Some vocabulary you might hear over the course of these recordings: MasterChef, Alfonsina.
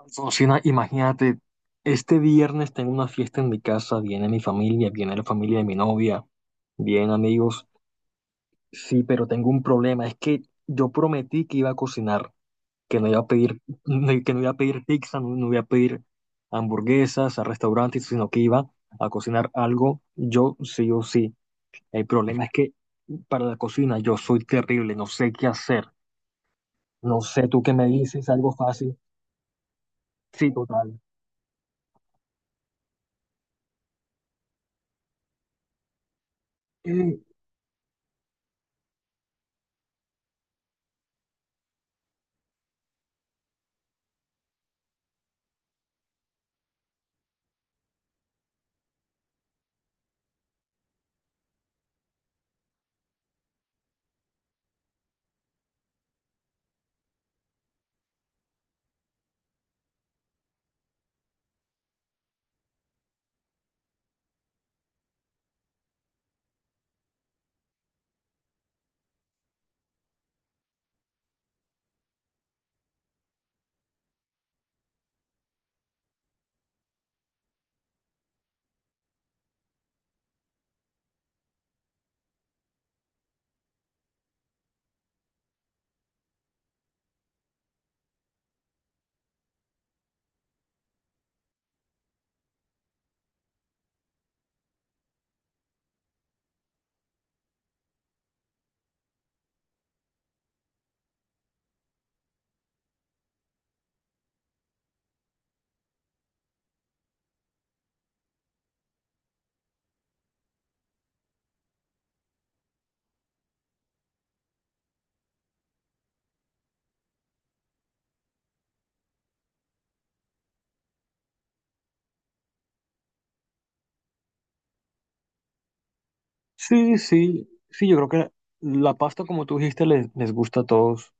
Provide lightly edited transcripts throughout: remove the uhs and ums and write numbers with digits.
Alfonsina, imagínate, este viernes tengo una fiesta en mi casa, viene mi familia, viene la familia de mi novia, vienen amigos. Sí, pero tengo un problema, es que yo prometí que iba a cocinar, que no iba a pedir, que no iba a pedir pizza, no, no iba a pedir hamburguesas a restaurantes, sino que iba a cocinar algo yo sí o sí. El problema es que para la cocina yo soy terrible, no sé qué hacer, no sé, tú qué me dices, algo fácil. Sí, total. Sí, sí, sí, yo creo que la pasta, como tú dijiste, les gusta a todos.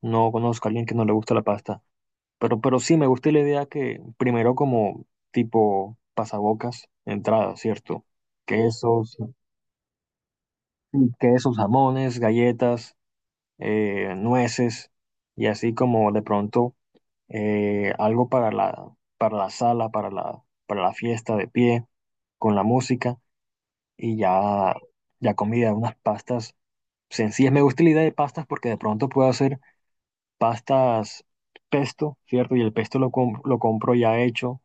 No conozco a alguien que no le gusta la pasta. Pero sí, me gusta la idea que primero como tipo pasabocas, entrada, ¿cierto? Quesos, sí, quesos, jamones, galletas, nueces, y así como de pronto algo para para la sala, para para la fiesta de pie, con la música, y ya, ya comida, unas pastas sencillas. Me gusta la idea de pastas porque de pronto puedo hacer pastas pesto, ¿cierto? Y el pesto lo compro ya hecho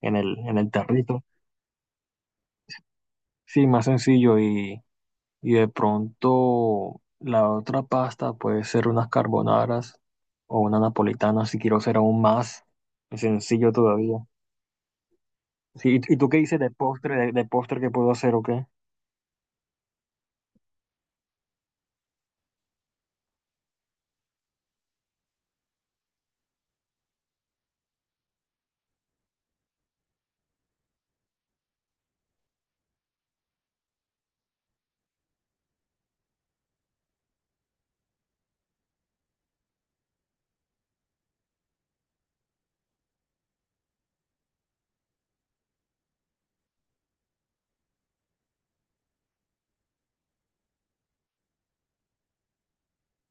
en en el tarrito. Sí, más sencillo. Y de pronto la otra pasta puede ser unas carbonaras o una napolitana si quiero ser aún más sencillo todavía. Sí, y tú qué dices de postre, de postre que puedo hacer o qué?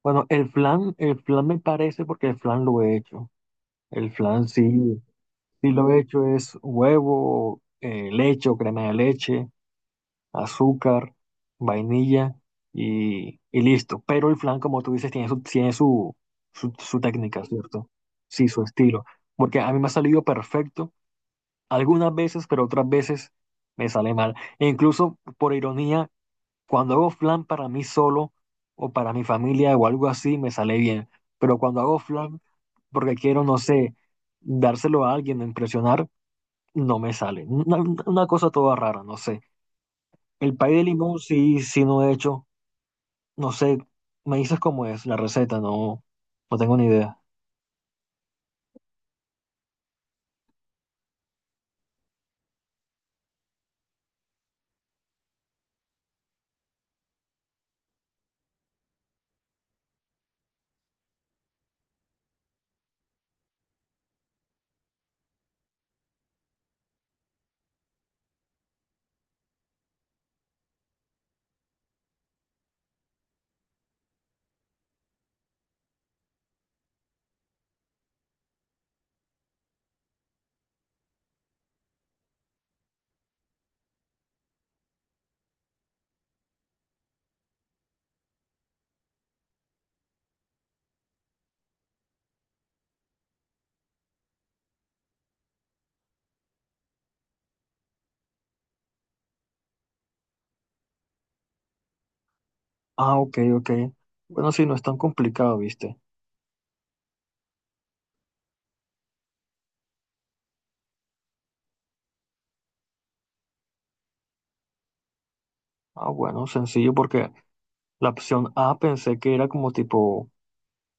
Bueno, el flan me parece porque el flan lo he hecho. El flan sí. Sí, lo he hecho es huevo, leche o crema de leche, azúcar, vainilla y listo. Pero el flan, como tú dices, su técnica, ¿cierto? Sí, su estilo. Porque a mí me ha salido perfecto algunas veces, pero otras veces me sale mal. E incluso, por ironía, cuando hago flan para mí solo o para mi familia o algo así, me sale bien. Pero cuando hago flan porque quiero, no sé, dárselo a alguien, impresionar no me sale. Una cosa toda rara, no sé. El pay de limón sí, sí no he hecho. No sé. Me dices cómo es la receta, no, no tengo ni idea. Ah, ok, ok. Bueno, sí, no es tan complicado, ¿viste? Ah, bueno, sencillo porque la opción A pensé que era como tipo.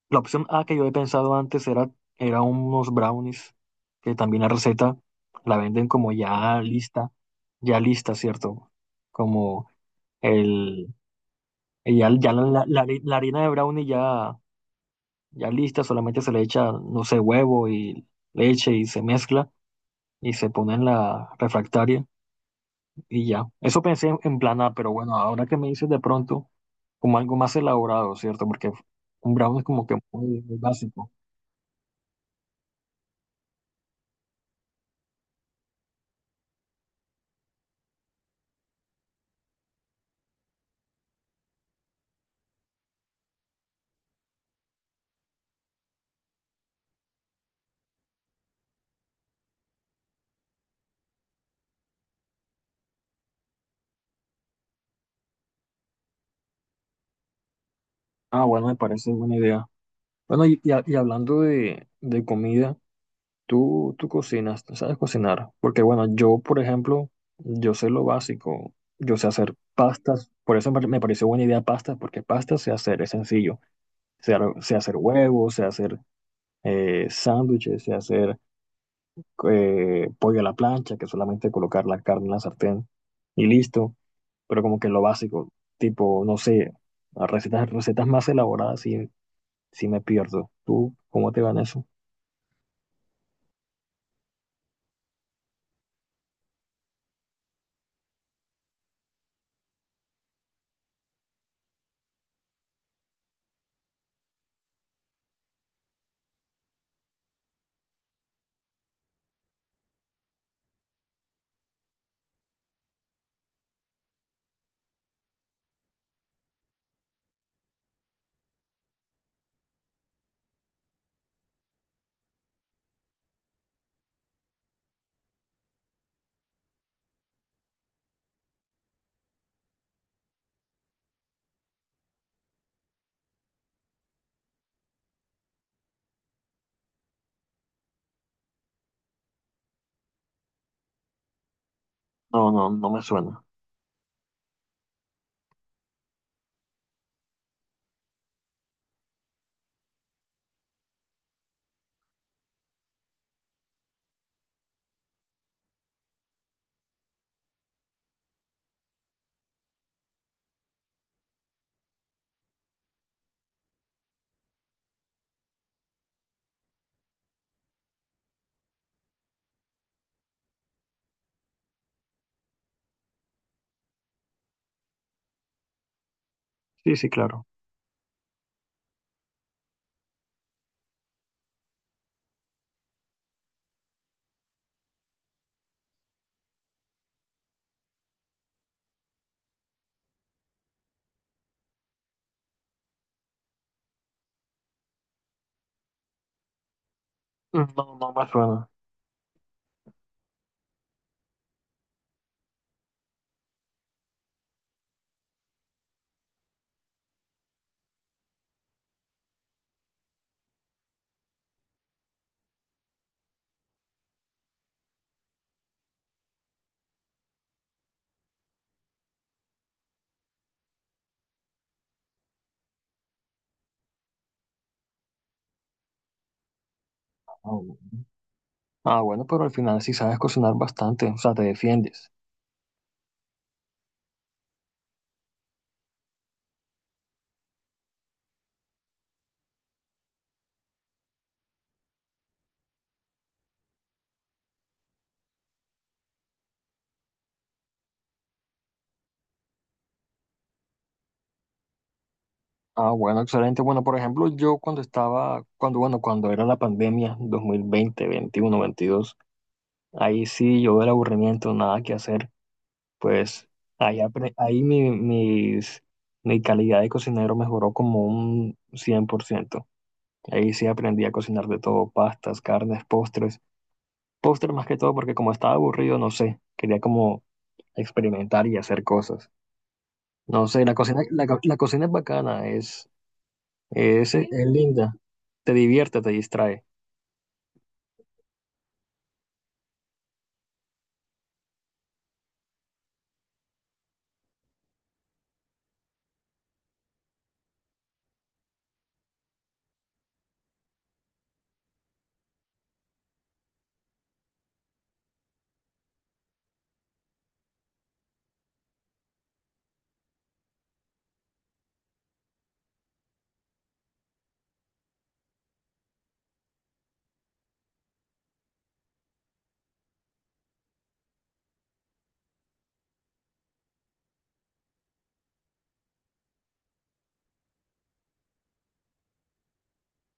La opción A que yo he pensado antes era, era unos brownies, que también la receta la venden como ya lista, ¿cierto? Como el. Y ya, la harina de brownie ya, ya lista, solamente se le echa, no sé, huevo y leche y se mezcla y se pone en la refractaria y ya. Eso pensé en plan A, pero bueno, ahora que me dices de pronto, como algo más elaborado, ¿cierto? Porque un brownie es como que muy, muy básico. Ah, bueno, me parece buena idea. Bueno, y hablando de comida. Tú cocinas, tú sabes cocinar. Porque bueno, yo, por ejemplo, yo sé lo básico. Yo sé hacer pastas. Por eso me pareció buena idea pastas, porque pastas sé hacer, es sencillo. Sé hacer huevos, sé hacer sándwiches, sé hacer pollo a la plancha, que es solamente colocar la carne en la sartén y listo. Pero como que lo básico, tipo, no sé, recetas más elaboradas sí, sí me pierdo. ¿Tú cómo te va en eso? No, no, no me suena. Sí, sí, claro. No, no me suena. Ah, bueno. Ah, bueno, pero al final sí sabes cocinar bastante, o sea, te defiendes. Ah, bueno, excelente. Bueno, por ejemplo, yo cuando bueno, cuando era la pandemia, 2020 21 veintidós, ahí sí yo del aburrimiento, nada que hacer, pues ahí, apre- ahí mi, mis- mi calidad de cocinero mejoró como un 100%. Ahí sí aprendí a cocinar de todo, pastas, carnes, postres, postres más que todo, porque como estaba aburrido, no sé, quería como experimentar y hacer cosas. No sé, la cocina es bacana, es linda, te divierte, te distrae.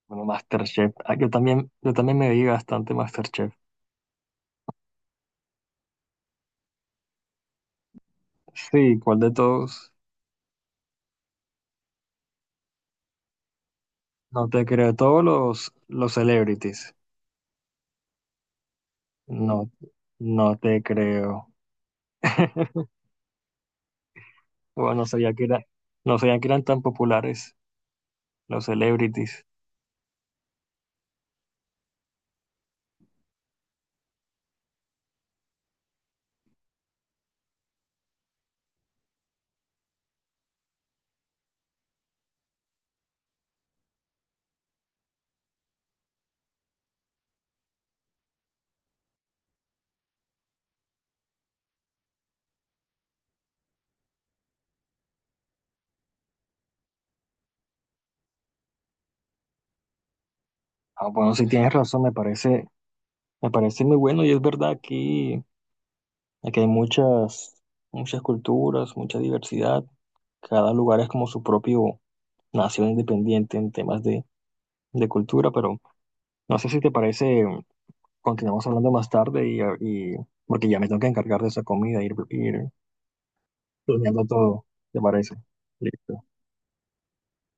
Bueno, MasterChef, ah, yo también me vi bastante MasterChef. Sí, ¿cuál de todos? No te creo, todos los celebrities. No, no te creo. Bueno, no sabía que eran tan populares los celebrities. Ah, bueno, si tienes razón, me parece muy bueno y es verdad aquí. Aquí hay muchas, muchas culturas, mucha diversidad. Cada lugar es como su propio nación independiente en temas de cultura, pero no sé si te parece, continuamos hablando más tarde y, porque ya me tengo que encargar de esa comida, ir planeando todo, ¿te parece? Listo.